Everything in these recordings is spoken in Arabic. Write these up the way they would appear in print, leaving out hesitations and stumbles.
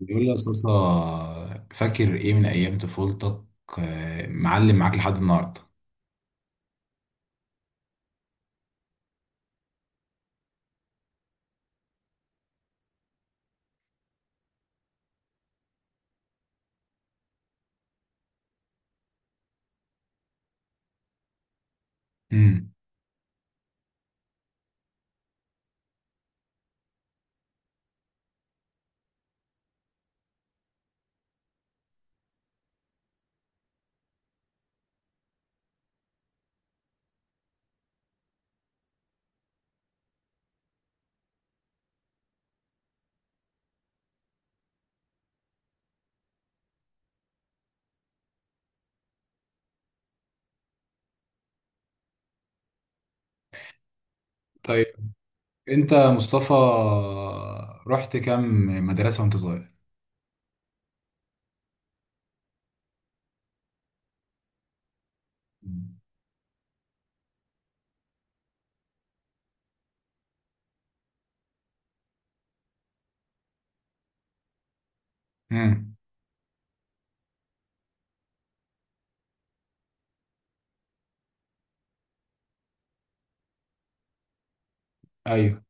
بيقول لي يا صاصة، فاكر ايه من ايام طفولتك؟ معلم معاك لحد النهارده. امم طيب، انت مصطفى، رحت كام مدرسة وانت صغير؟ امم ايوه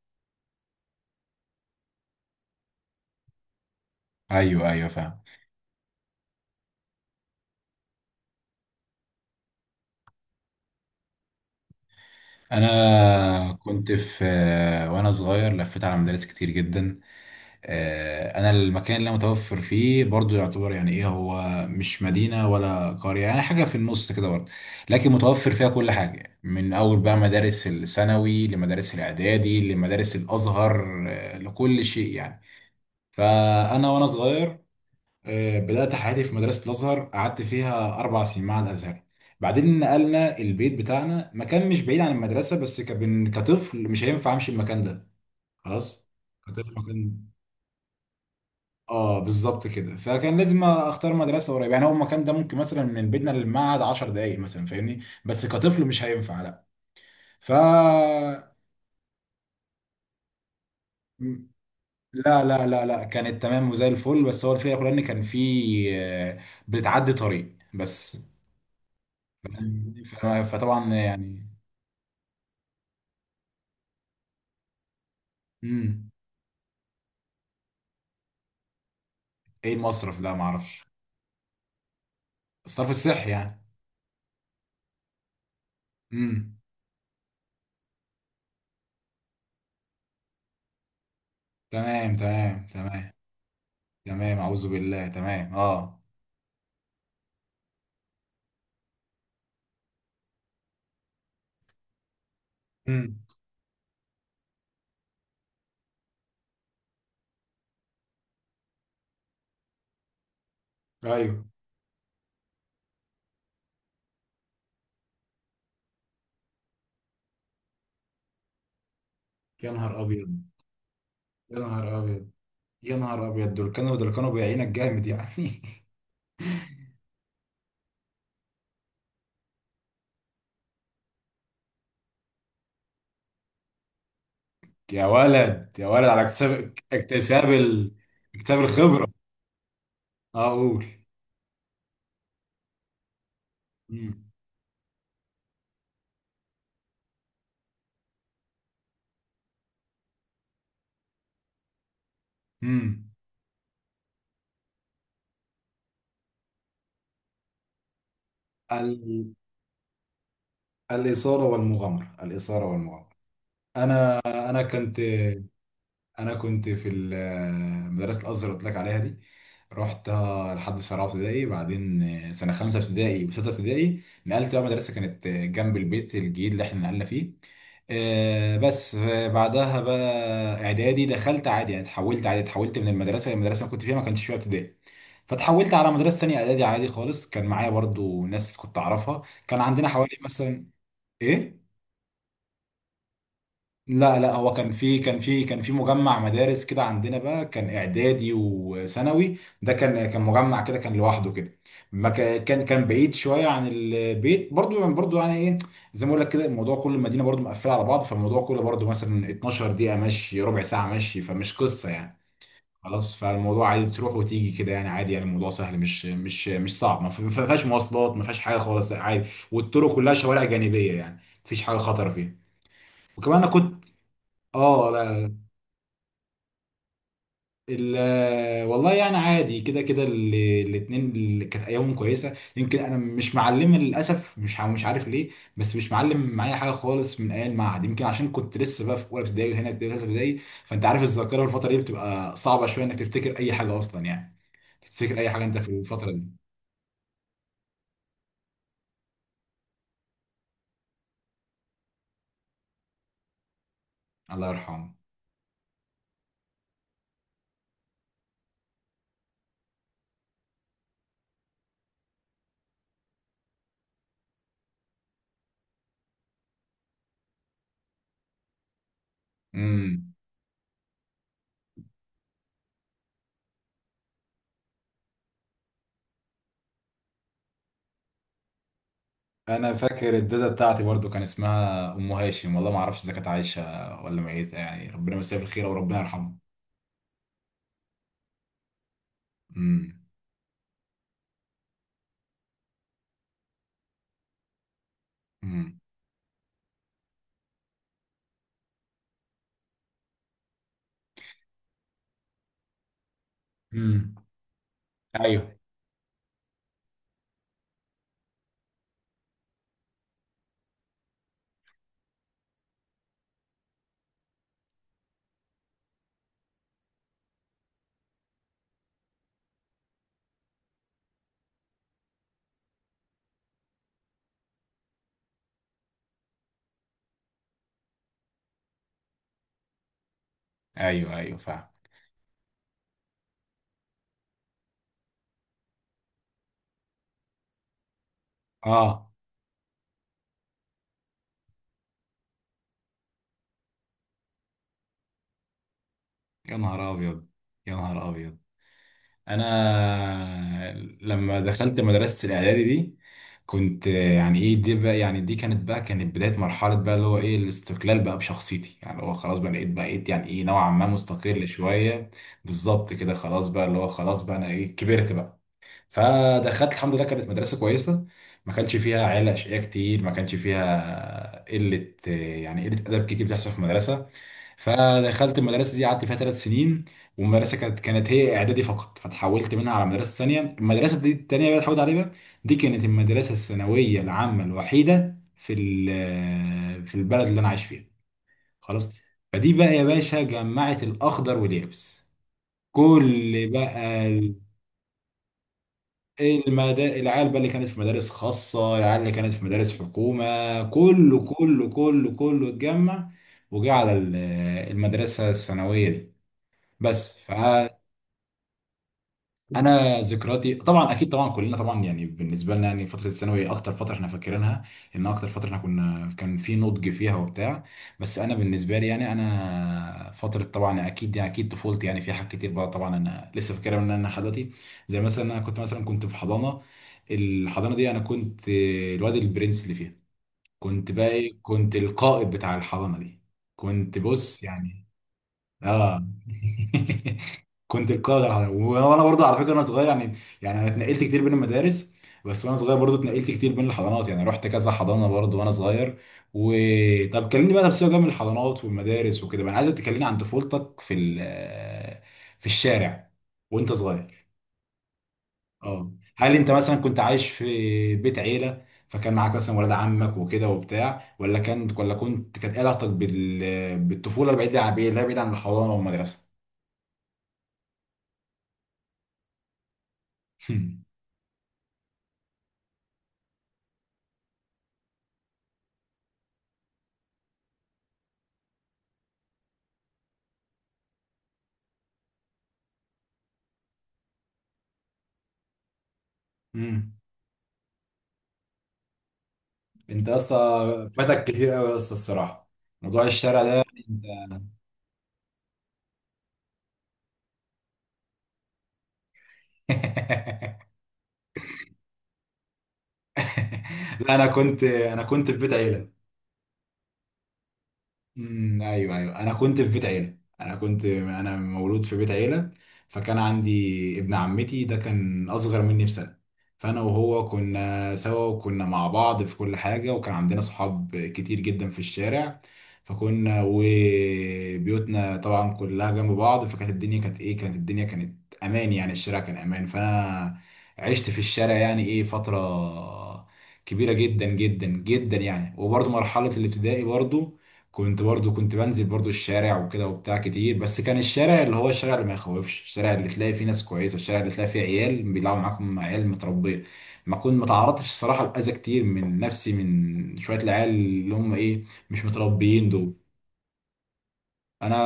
ايوه فاهم. انا كنت في آه، وانا صغير لفيت على مدارس كتير جدا. انا المكان اللي أنا متوفر فيه برضو يعتبر يعني ايه هو، مش مدينه ولا قريه، يعني حاجه في النص كده برضو، لكن متوفر فيها كل حاجه من اول بقى، مدارس الثانوي لمدارس الاعدادي لمدارس الازهر، لكل شيء يعني. فانا وانا صغير، بدات حياتي في مدرسه الازهر، قعدت فيها 4 سنين مع الازهر. بعدين نقلنا البيت بتاعنا مكان مش بعيد عن المدرسه، بس كطفل مش هينفع امشي المكان ده، خلاص. كطفل مكان، اه بالظبط كده. فكان لازم اختار مدرسه قريبه، يعني هو المكان ده ممكن مثلا من بيتنا للمعهد 10 دقائق مثلا، فاهمني؟ بس كطفل مش هينفع لا. ف لا كانت تمام وزي الفل، بس هو الفكره كلها ان كان في، آه، بتعدي طريق بس. فاهمني؟ ف- فطبعا يعني. امم ايه المصرف ده؟ ما اعرفش. الصرف الصحي يعني؟ امم تمام تمام، اعوذ بالله، تمام اه. امم ايوه. يا نهار ابيض، يا نهار ابيض، يا نهار ابيض. دول كانوا بيعينك جامد يعني. يا ولد يا ولد، على اكتساب ال... اكتساب الخبره. اقول. امم امم ال... الاثاره والمغامره، الاثاره والمغامره. انا انا كنت انا كنت في مدرسه الازهر اللي قلت لك عليها دي، رحت لحد سنه رابعه ابتدائي. بعدين سنه خمسه ابتدائي وسته ابتدائي نقلت بقى مدرسه كانت جنب البيت الجديد اللي احنا نقلنا فيه، بس. بعدها بقى اعدادي، دخلت عادي يعني، اتحولت عادي، اتحولت من المدرسه المدرسه اللي كنت فيها ما كانش فيها ابتدائي، فاتحولت على مدرسه ثانيه اعدادي عادي خالص. كان معايا برضو ناس كنت اعرفها. كان عندنا حوالي مثلا، ايه؟ لا لا، هو كان في مجمع مدارس كده عندنا بقى، كان اعدادي وثانوي، ده كان مجمع كده، كان لوحده كده. ما كا- كان كان بعيد شويه عن البيت برضو، يعني برضو يعني ايه، زي ما اقول لك كده، الموضوع كل المدينه برضو مقفله على بعض، فالموضوع كله برضو مثلا 12 دقيقه مشي، ربع ساعه مشي، فمش قصه يعني. خلاص، فالموضوع عادي، تروح وتيجي كده يعني عادي، يعني الموضوع سهل، مش صعب، ما فيهاش مواصلات، ما فيهاش حاجه خالص، عادي، والطرق كلها شوارع جانبيه يعني مفيش حاجه خطر فيها. وكمان انا كنت، اه. والله يعني عادي كده كده. الاتنين اللي كانت ايامهم كويسه، يمكن انا مش معلمه للاسف، مش عارف ليه، بس مش معلم معايا حاجه خالص من ايام المعهد، يمكن عشان كنت لسه بقى في اولى ابتدائي وهنا في ثالثه ابتدائي. فانت عارف الذاكره الفتره دي بتبقى صعبه شويه انك تفتكر اي حاجه اصلا يعني، تفتكر اي حاجه انت في الفتره دي. الله يرحمه. امم انا فاكر الداده بتاعتي برضو، كان اسمها ام هاشم، والله ما اعرفش اذا كانت عايشه ولا ميته، يعني ربنا يمسيها بالخير وربنا يرحمها. امم امم امم ايوه ايوه فاهم. اه. يا نهار ابيض، يا نهار ابيض. انا لما دخلت مدرسه الاعدادي دي، كنت يعني ايه، دي بقى يعني دي كانت بقى كانت بدايه مرحله بقى اللي هو ايه، الاستقلال بقى بشخصيتي، يعني هو خلاص بقى لقيت بقيت يعني ايه نوعا ما مستقل شويه. بالظبط كده، خلاص بقى اللي هو خلاص بقى انا ايه كبرت بقى. فدخلت، الحمد لله، كانت مدرسة كويسة، ما كانش فيها عيال أشقياء كتير، ما كانش فيها قلة يعني قلة أدب كتير بتحصل في المدرسة. فدخلت المدرسة دي قعدت فيها 3 سنين. والمدرسة كانت كانت هي إعدادي فقط، فتحولت منها على مدرسة ثانية. المدرسة دي التانية اللي اتحولت عليها، دي كانت المدرسة الثانوية العامة الوحيدة في في البلد اللي أنا عايش فيها، خلاص. فدي بقى يا باشا جمعت الأخضر واليابس، كل بقى العيال بقى اللي كانت في مدارس خاصة، العيال اللي كانت في مدارس حكومة، كله اتجمع وجه على المدرسة الثانوية دي، بس. ف. انا ذكرياتي طبعا اكيد طبعا كلنا طبعا يعني بالنسبه لنا يعني فتره الثانوي اكتر فتره احنا فاكرينها، لان اكتر فتره احنا كنا كان في نضج فيها وبتاع. بس انا بالنسبه لي يعني انا فتره طبعا اكيد يعني اكيد طفولتي يعني في حاجات كتير بقى طبعا انا لسه فاكرها من انا لحد دلوقتي. زي مثلا انا كنت مثلا كنت في حضانه، الحضانه دي انا كنت الواد البرنس اللي فيها، كنت بقى ايه، كنت القائد بتاع الحضانه دي، كنت بص يعني، اه. كنت القادر على، وانا برضه على فكره انا صغير يعني، يعني انا اتنقلت كتير بين المدارس، بس وانا صغير برضه اتنقلت كتير بين الحضانات، يعني رحت كذا حضانه برضه وانا صغير. وطب كلمني بقى، بس جنب الحضانات والمدارس وكده بقى، انا عايزك تكلمني عن طفولتك في ال... آه، في الشارع وانت صغير. اه هل انت مثلا كنت عايش في بيت عيله فكان معاك مثلا ولاد عمك وكده وبتاع، ولا كان ولا كنت كانت علاقتك بالطفوله بعيده عن، لا بعيد عن الحضانه والمدرسه؟ انت اصلا فاتك كتير قوي اصلا الصراحه، موضوع الشارع ده يعني انت. لا انا كنت، في بيت عيله. ايوه انا كنت في بيت عيله، انا كنت، انا مولود في بيت عيله. فكان عندي ابن عمتي ده كان اصغر مني بسنه، فانا وهو كنا سوا وكنا مع بعض في كل حاجه، وكان عندنا صحاب كتير جدا في الشارع. فكنا وبيوتنا طبعا كلها جنب بعض، فكانت الدنيا كانت ايه، كانت الدنيا كانت امان يعني، الشارع كان امان، فانا عشت في الشارع يعني ايه فتره كبيره جدا جدا جدا يعني. وبرضه مرحله الابتدائي برضه كنت برضو كنت بنزل برضو الشارع وكده وبتاع كتير، بس كان الشارع اللي هو الشارع اللي ما يخوفش، الشارع اللي تلاقي فيه ناس كويسه، الشارع اللي تلاقي فيه عيال بيلعبوا معاكم، عيال متربيه. ما تعرضتش الصراحه لاذى كتير من نفسي من شويه العيال اللي هم ايه، مش متربيين دول. انا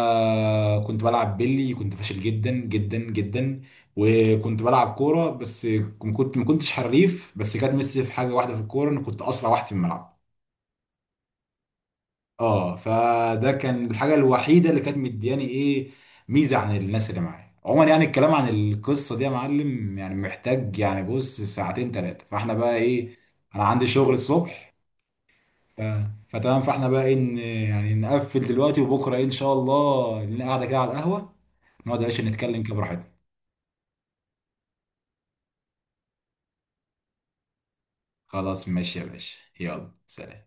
كنت بلعب بيلي كنت فاشل جدا جدا جدا، وكنت بلعب كوره بس، ما كنتش حريف، بس كانت ميزتي في حاجه واحده في الكوره ان كنت اسرع واحد في الملعب، اه. فده كان الحاجه الوحيده اللي كانت مدياني ايه، ميزه عن الناس اللي معايا عموما يعني. الكلام عن القصه دي يا معلم يعني محتاج يعني بص ساعتين ثلاثه، فاحنا بقى ايه، انا عندي شغل الصبح. ف... فتمام، فاحنا بقى ايه، يعني نقفل دلوقتي، وبكره ايه ان شاء الله نقعد كده على القهوه، نقعد يا باشا نتكلم كده براحتنا. خلاص ماشي يا باشا، يلا سلام.